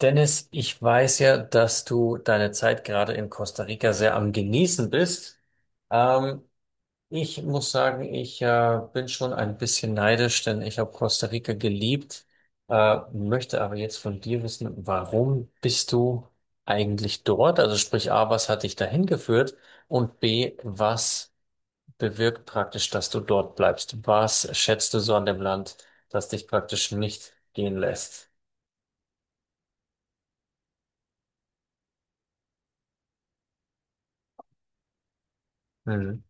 Dennis, ich weiß ja, dass du deine Zeit gerade in Costa Rica sehr am Genießen bist. Ähm, Ich muss sagen, ich bin schon ein bisschen neidisch, denn ich habe Costa Rica geliebt, möchte aber jetzt von dir wissen, warum bist du eigentlich dort? Also sprich A, was hat dich dahin geführt? Und B, was bewirkt praktisch, dass du dort bleibst? Was schätzt du so an dem Land, das dich praktisch nicht gehen lässt? Mhm.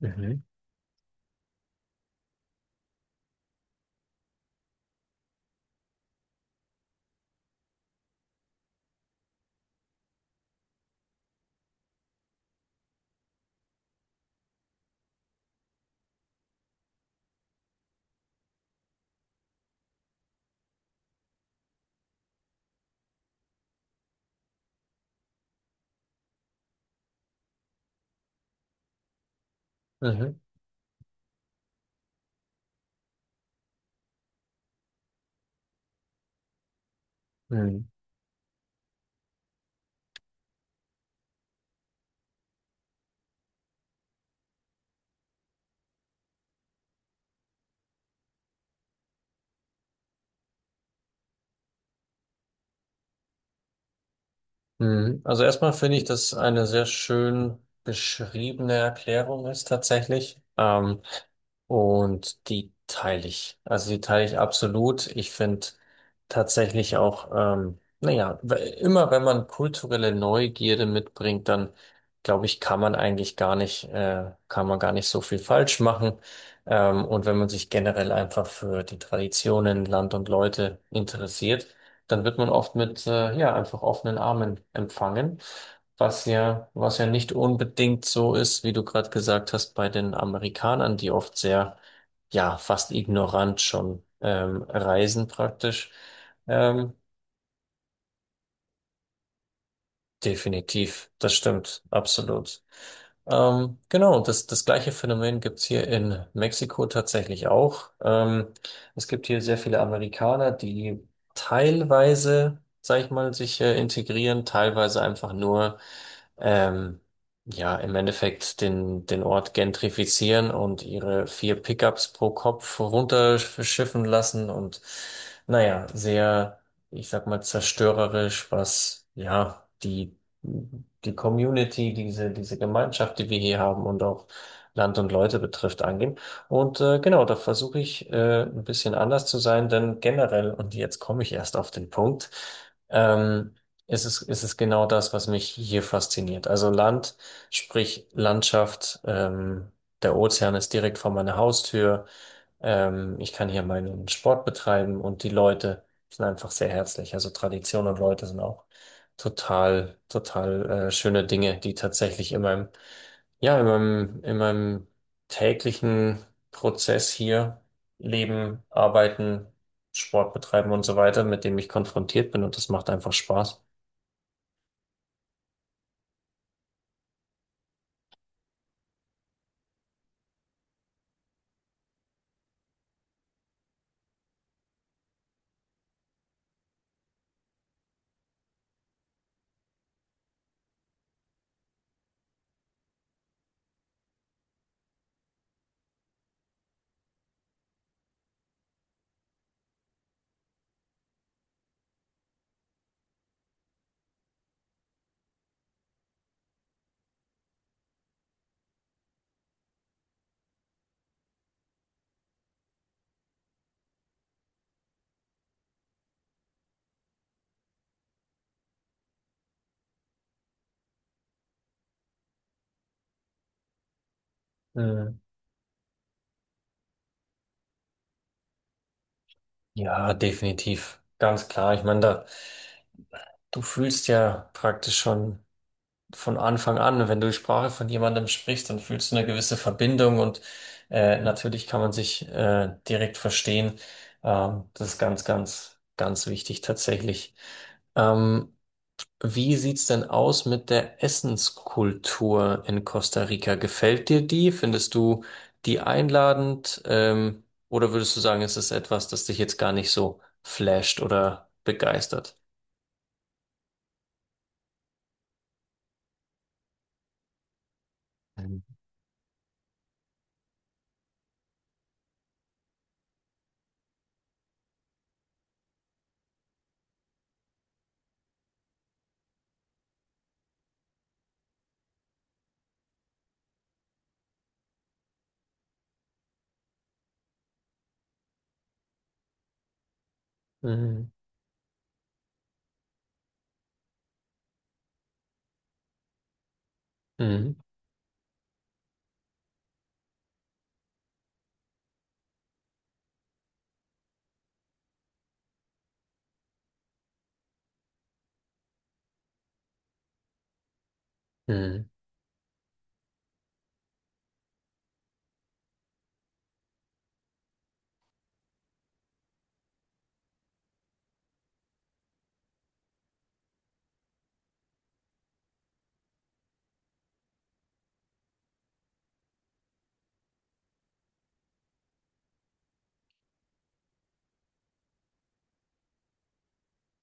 Mhm. Mhm. Mhm. Mhm. Also erstmal finde ich, dass eine sehr schön beschriebene Erklärung ist tatsächlich. Und die teile ich. Also die teile ich absolut. Ich finde tatsächlich auch, naja, immer wenn man kulturelle Neugierde mitbringt, dann glaube ich, kann man eigentlich gar nicht, kann man gar nicht so viel falsch machen. Und wenn man sich generell einfach für die Traditionen, Land und Leute interessiert, dann wird man oft mit ja einfach offenen Armen empfangen, was ja nicht unbedingt so ist, wie du gerade gesagt hast, bei den Amerikanern, die oft sehr ja fast ignorant schon reisen praktisch. Ähm, Definitiv, das stimmt, absolut. Genau, das gleiche Phänomen gibt's hier in Mexiko tatsächlich auch. Es gibt hier sehr viele Amerikaner, die teilweise, sag ich mal, sich integrieren, teilweise einfach nur, ähm, ja, im Endeffekt den Ort gentrifizieren und ihre vier Pickups pro Kopf runterschiffen lassen und, naja, sehr, ich sag mal, zerstörerisch, was, ja, die Community, diese Gemeinschaft, die wir hier haben und auch Land und Leute betrifft, angehen. Und genau, da versuche ich ein bisschen anders zu sein, denn generell, und jetzt komme ich erst auf den Punkt, ähm, ist es genau das, was mich hier fasziniert. Also Land, sprich Landschaft, der Ozean ist direkt vor meiner Haustür. Ich kann hier meinen Sport betreiben und die Leute sind einfach sehr herzlich. Also Tradition und Leute sind auch total, schöne Dinge, die tatsächlich in meinem, ja, in meinem täglichen Prozess hier leben, arbeiten, Sport betreiben und so weiter, mit dem ich konfrontiert bin und das macht einfach Spaß. Mhm. Ja, definitiv. Ganz klar. Ich meine, da, du fühlst ja praktisch schon von Anfang an, wenn du die Sprache von jemandem sprichst, dann fühlst du eine gewisse Verbindung und natürlich kann man sich direkt verstehen. Das ist ganz, ganz, ganz wichtig tatsächlich. Ähm, Wie sieht's denn aus mit der Essenskultur in Costa Rica? Gefällt dir die? Findest du die einladend? Oder würdest du sagen, es ist etwas, das dich jetzt gar nicht so flasht oder begeistert? Mhm. Mhm. Mhm.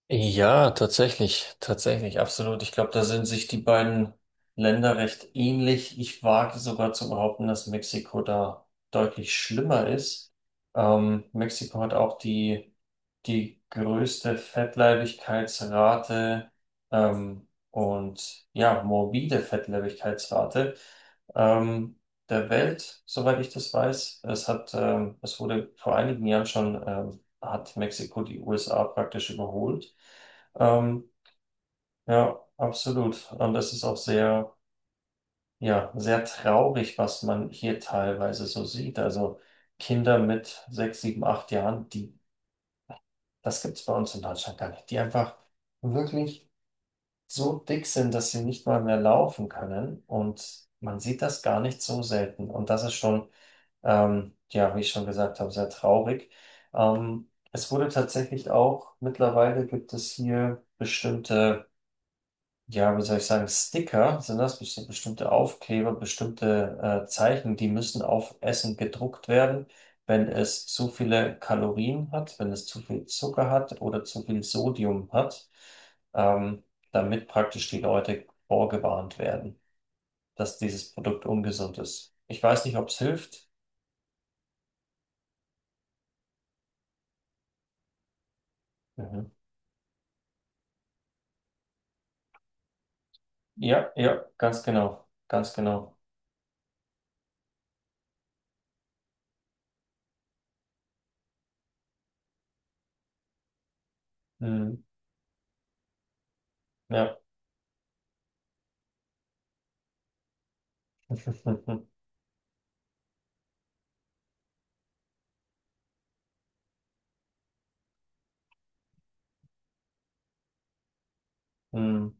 Ja, tatsächlich, absolut. Ich glaube, da sind sich die beiden Länder recht ähnlich. Ich wage sogar zu behaupten, dass Mexiko da deutlich schlimmer ist. Mexiko hat auch die größte Fettleibigkeitsrate, und ja, morbide Fettleibigkeitsrate, ähm, der Welt, soweit ich das weiß. Es hat, es wurde vor einigen Jahren schon, hat Mexiko die USA praktisch überholt. Ähm, ja, absolut. Und das ist auch sehr, ja, sehr traurig, was man hier teilweise so sieht. Also Kinder mit sechs, sieben, acht Jahren, die, das gibt's bei uns in Deutschland gar nicht, die einfach wirklich so dick sind, dass sie nicht mal mehr laufen können. Und man sieht das gar nicht so selten. Und das ist schon. Ja, wie ich schon gesagt habe, sehr traurig. Es wurde tatsächlich auch, mittlerweile gibt es hier bestimmte, ja, wie soll ich sagen, Sticker, sind das bestimmte Aufkleber, bestimmte Zeichen, die müssen auf Essen gedruckt werden, wenn es zu viele Kalorien hat, wenn es zu viel Zucker hat oder zu viel Sodium hat, ähm, damit praktisch die Leute vorgewarnt werden, dass dieses Produkt ungesund ist. Ich weiß nicht, ob es hilft. Mhm. Ja, ja, ganz genau, ganz genau. Mhm. Ja. Mhm.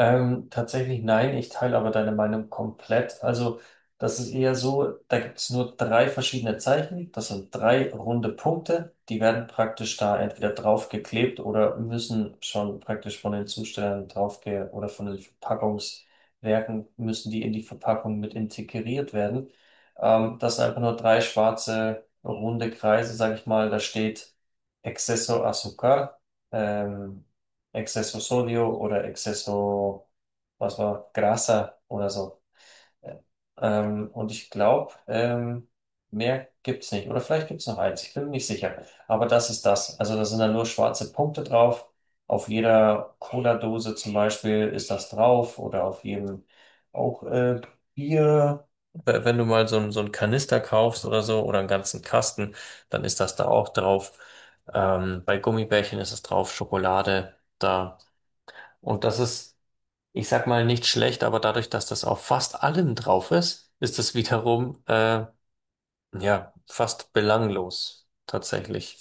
Tatsächlich nein, ich teile aber deine Meinung komplett. Also, das ist eher so, da gibt es nur drei verschiedene Zeichen. Das sind drei runde Punkte. Die werden praktisch da entweder draufgeklebt oder müssen schon praktisch von den Zustellern draufge oder von den Verpackungswerken müssen die in die Verpackung mit integriert werden. Das sind einfach nur drei schwarze runde Kreise, sag ich mal. Da steht Exceso Azúcar. Ähm, Exceso Sodio oder Exceso, was war, Grasa oder so. Und ich glaube, mehr gibt's nicht. Oder vielleicht gibt's noch eins, ich bin mir nicht sicher. Aber das ist das. Also da sind dann nur schwarze Punkte drauf. Auf jeder Cola-Dose zum Beispiel ist das drauf oder auf jedem auch Bier. Wenn du mal so, so einen Kanister kaufst oder so oder einen ganzen Kasten, dann ist das da auch drauf. Bei Gummibärchen ist es drauf, Schokolade. Da und das ist, ich sag mal, nicht schlecht, aber dadurch, dass das auf fast allem drauf ist, ist es wiederum, ja, fast belanglos, tatsächlich.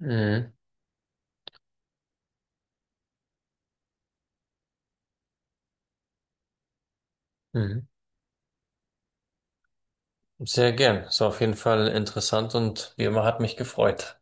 Mhm. Mhm. Sehr gern. Ist auf jeden Fall interessant und wie immer hat mich gefreut.